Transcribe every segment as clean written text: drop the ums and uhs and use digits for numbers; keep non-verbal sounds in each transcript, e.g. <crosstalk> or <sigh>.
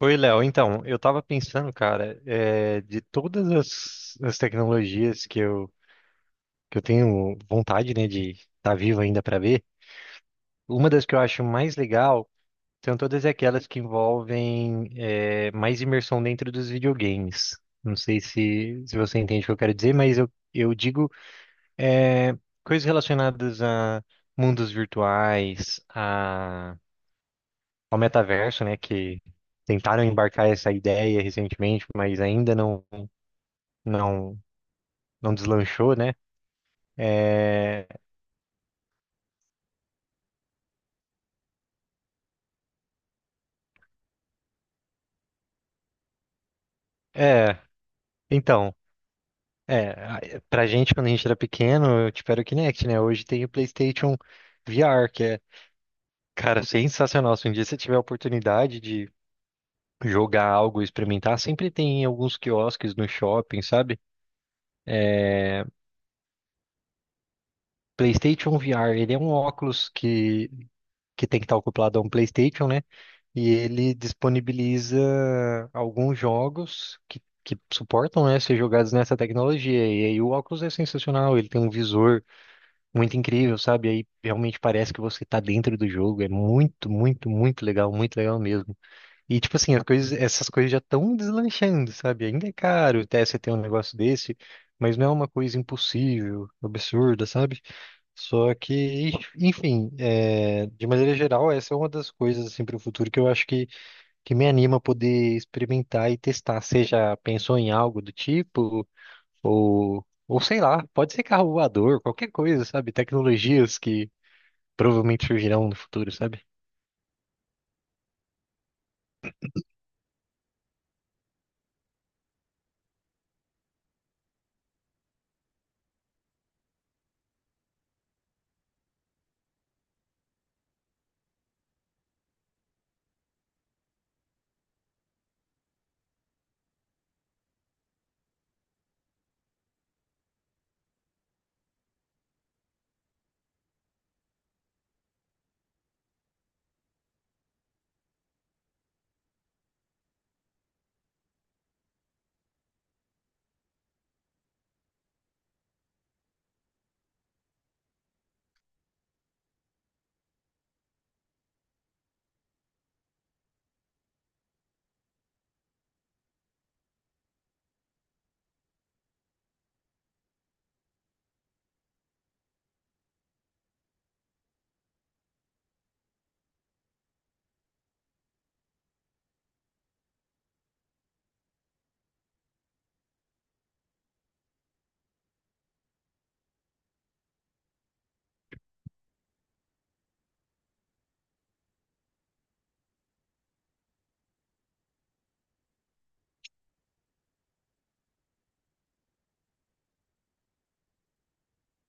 Oi, Léo. Então, eu tava pensando, cara, de todas as tecnologias que eu tenho vontade, né, de estar vivo ainda para ver, uma das que eu acho mais legal são todas aquelas que envolvem, mais imersão dentro dos videogames. Não sei se você entende o que eu quero dizer, mas eu digo, eh, coisas relacionadas a mundos virtuais, a, ao metaverso, né, que tentaram embarcar essa ideia recentemente, mas ainda não não deslanchou, né? É, é, então, é, a- pra gente quando a gente era pequeno, tipo, era o Kinect, né? Hoje tem o PlayStation VR, que é, cara, sensacional. Se um dia você tiver a oportunidade de jogar algo, experimentar, sempre tem em alguns quiosques no shopping, sabe? É, PlayStation VR, ele é um óculos que tem que estar acoplado a um PlayStation, né? E ele disponibiliza alguns jogos que suportam, né, ser jogados nessa tecnologia. E aí o óculos é sensacional, ele tem um visor muito incrível, sabe? Aí realmente parece que você tá dentro do jogo. É muito, muito, muito legal mesmo. E tipo assim, as coisas, essas coisas já estão deslanchando, sabe? Ainda é caro até você ter um negócio desse, mas não é uma coisa impossível, absurda, sabe? Só que, enfim, é, de maneira geral, essa é uma das coisas assim para o futuro que eu acho que me anima a poder experimentar e testar. Você já pensou em algo do tipo? Ou sei lá, pode ser carro voador, qualquer coisa, sabe? Tecnologias que provavelmente surgirão no futuro, sabe?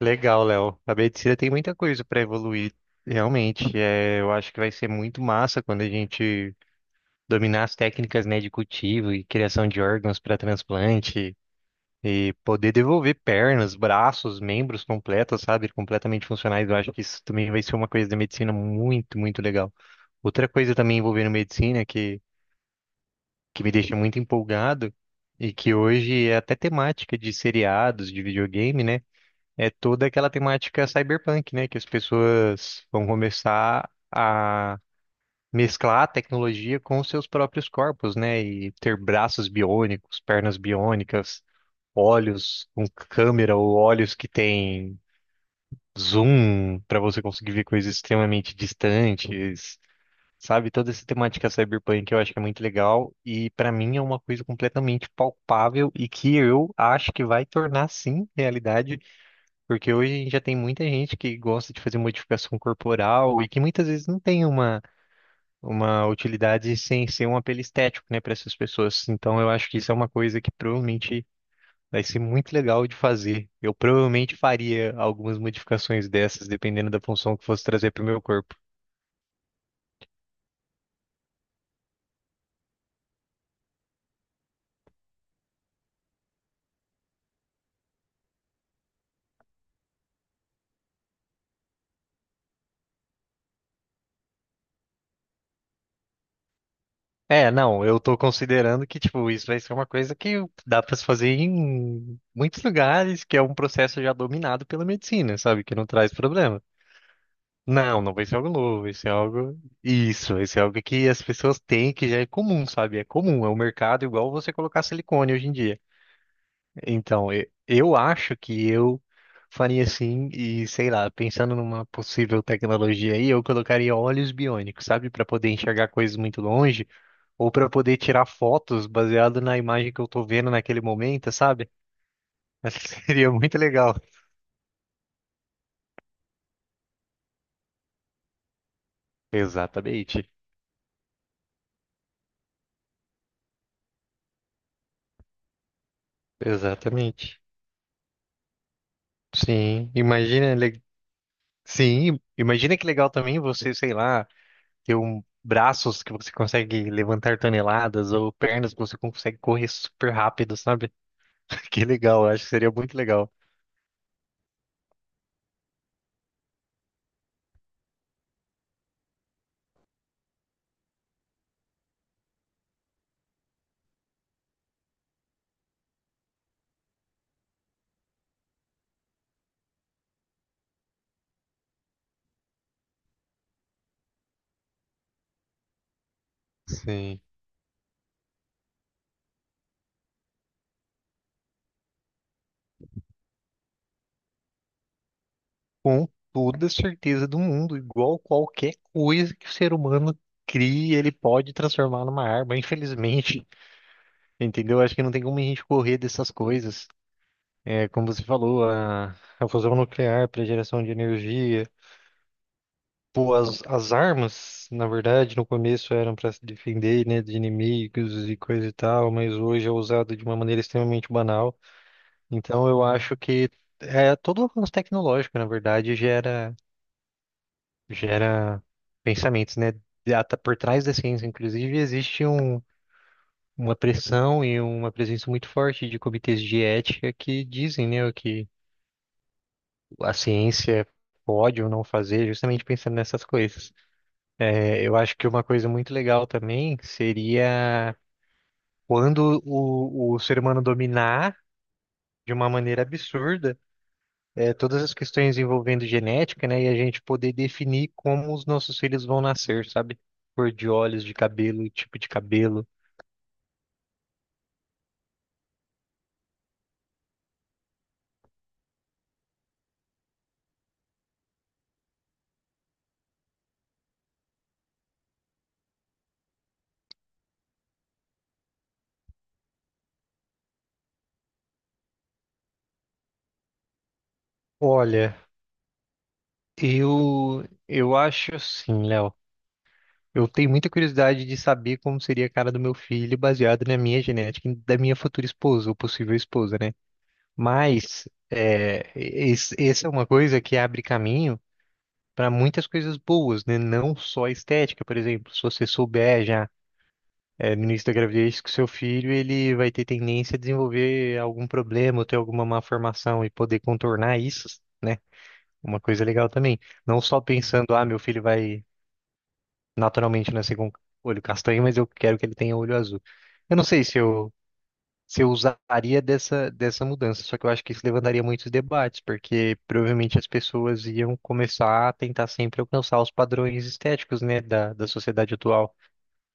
Legal, Léo. A medicina tem muita coisa para evoluir, realmente. É, eu acho que vai ser muito massa quando a gente dominar as técnicas, né, de cultivo e criação de órgãos para transplante. E poder devolver pernas, braços, membros completos, sabe? Completamente funcionais. Eu acho que isso também vai ser uma coisa da medicina muito, muito legal. Outra coisa também envolvendo medicina que me deixa muito empolgado e que hoje é até temática de seriados, de videogame, né? É toda aquela temática cyberpunk, né? Que as pessoas vão começar a mesclar a tecnologia com os seus próprios corpos, né? E ter braços biônicos, pernas biônicas, olhos com câmera ou olhos que tem zoom para você conseguir ver coisas extremamente distantes, sabe? Toda essa temática cyberpunk eu acho que é muito legal e para mim é uma coisa completamente palpável e que eu acho que vai tornar sim realidade, porque hoje a gente já tem muita gente que gosta de fazer modificação corporal e que muitas vezes não tem uma utilidade sem ser um apelo estético, né, para essas pessoas. Então, eu acho que isso é uma coisa que provavelmente vai ser muito legal de fazer. Eu provavelmente faria algumas modificações dessas, dependendo da função que fosse trazer para o meu corpo. É, não, eu tô considerando que, tipo, isso vai ser uma coisa que dá para se fazer em muitos lugares, que é um processo já dominado pela medicina, sabe? Que não traz problema. Não, não vai ser algo novo, vai ser algo. Isso, vai ser algo que as pessoas têm, que já é comum, sabe? É comum, é o mercado igual você colocar silicone hoje em dia. Então, eu acho que eu faria assim e sei lá, pensando numa possível tecnologia aí, eu colocaria olhos biônicos, sabe, para poder enxergar coisas muito longe ou para poder tirar fotos baseado na imagem que eu tô vendo naquele momento, sabe? <laughs> Acho que seria muito legal. Exatamente. Exatamente. Sim, imagina, sim, imagina que legal também você, sei lá, ter um braços que você consegue levantar toneladas ou pernas que você consegue correr super rápido, sabe? Que legal, eu acho que seria muito legal. Sim. Com toda certeza do mundo, igual qualquer coisa que o ser humano cria, ele pode transformar numa arma, infelizmente. <laughs> Entendeu? Acho que não tem como a gente correr dessas coisas. É, como você falou, a fusão nuclear para geração de energia. Pô, as armas, na verdade, no começo eram para se defender, né, de inimigos e coisa e tal, mas hoje é usado de uma maneira extremamente banal. Então eu acho que é, todo avanço tecnológico, na verdade, gera pensamentos, né? E por trás da ciência, inclusive, existe um, uma pressão e uma presença muito forte de comitês de ética que dizem, né, o que a ciência pode ou não fazer, justamente pensando nessas coisas. É, eu acho que uma coisa muito legal também seria quando o ser humano dominar de uma maneira absurda todas as questões envolvendo genética, né? E a gente poder definir como os nossos filhos vão nascer, sabe? Cor de olhos, de cabelo, tipo de cabelo. Olha, eu acho assim, Léo. Eu tenho muita curiosidade de saber como seria a cara do meu filho baseado na minha genética e da minha futura esposa, ou possível esposa, né? Mas é, essa é uma coisa que abre caminho para muitas coisas boas, né? Não só estética, por exemplo. Se você souber já é, no início da gravidez que o seu filho ele vai ter tendência a desenvolver algum problema, ou ter alguma malformação e poder contornar isso, né? Uma coisa legal também. Não só pensando, ah, meu filho vai naturalmente nascer com olho castanho, mas eu quero que ele tenha olho azul. Eu não sei se eu usaria dessa dessa mudança, só que eu acho que isso levantaria muitos debates, porque provavelmente as pessoas iam começar a tentar sempre alcançar os padrões estéticos, né, da sociedade atual.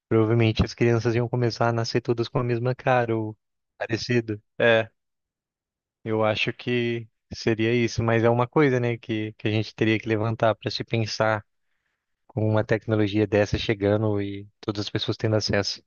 Provavelmente as crianças iam começar a nascer todas com a mesma cara ou parecido. É, eu acho que seria isso, mas é uma coisa, né, que a gente teria que levantar para se pensar com uma tecnologia dessa chegando e todas as pessoas tendo acesso.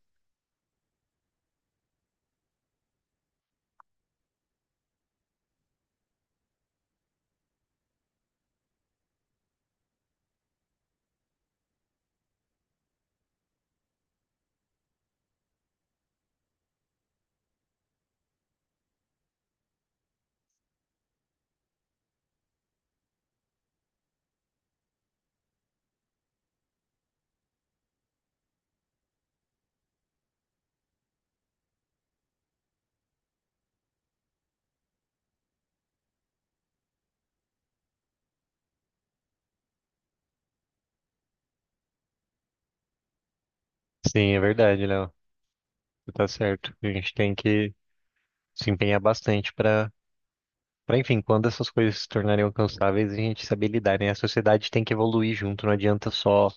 Sim, é verdade, Léo. Você tá certo. A gente tem que se empenhar bastante para, enfim, quando essas coisas se tornarem alcançáveis, a gente saber lidar, né? A sociedade tem que evoluir junto, não adianta só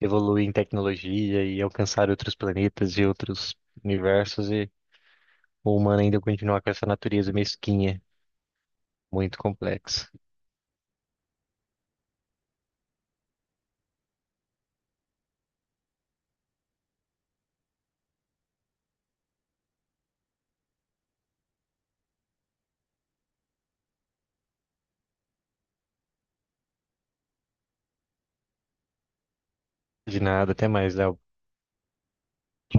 evoluir em tecnologia e alcançar outros planetas e outros universos e o humano ainda continuar com essa natureza mesquinha, muito complexa. De nada, até mais, Léo. Tchau,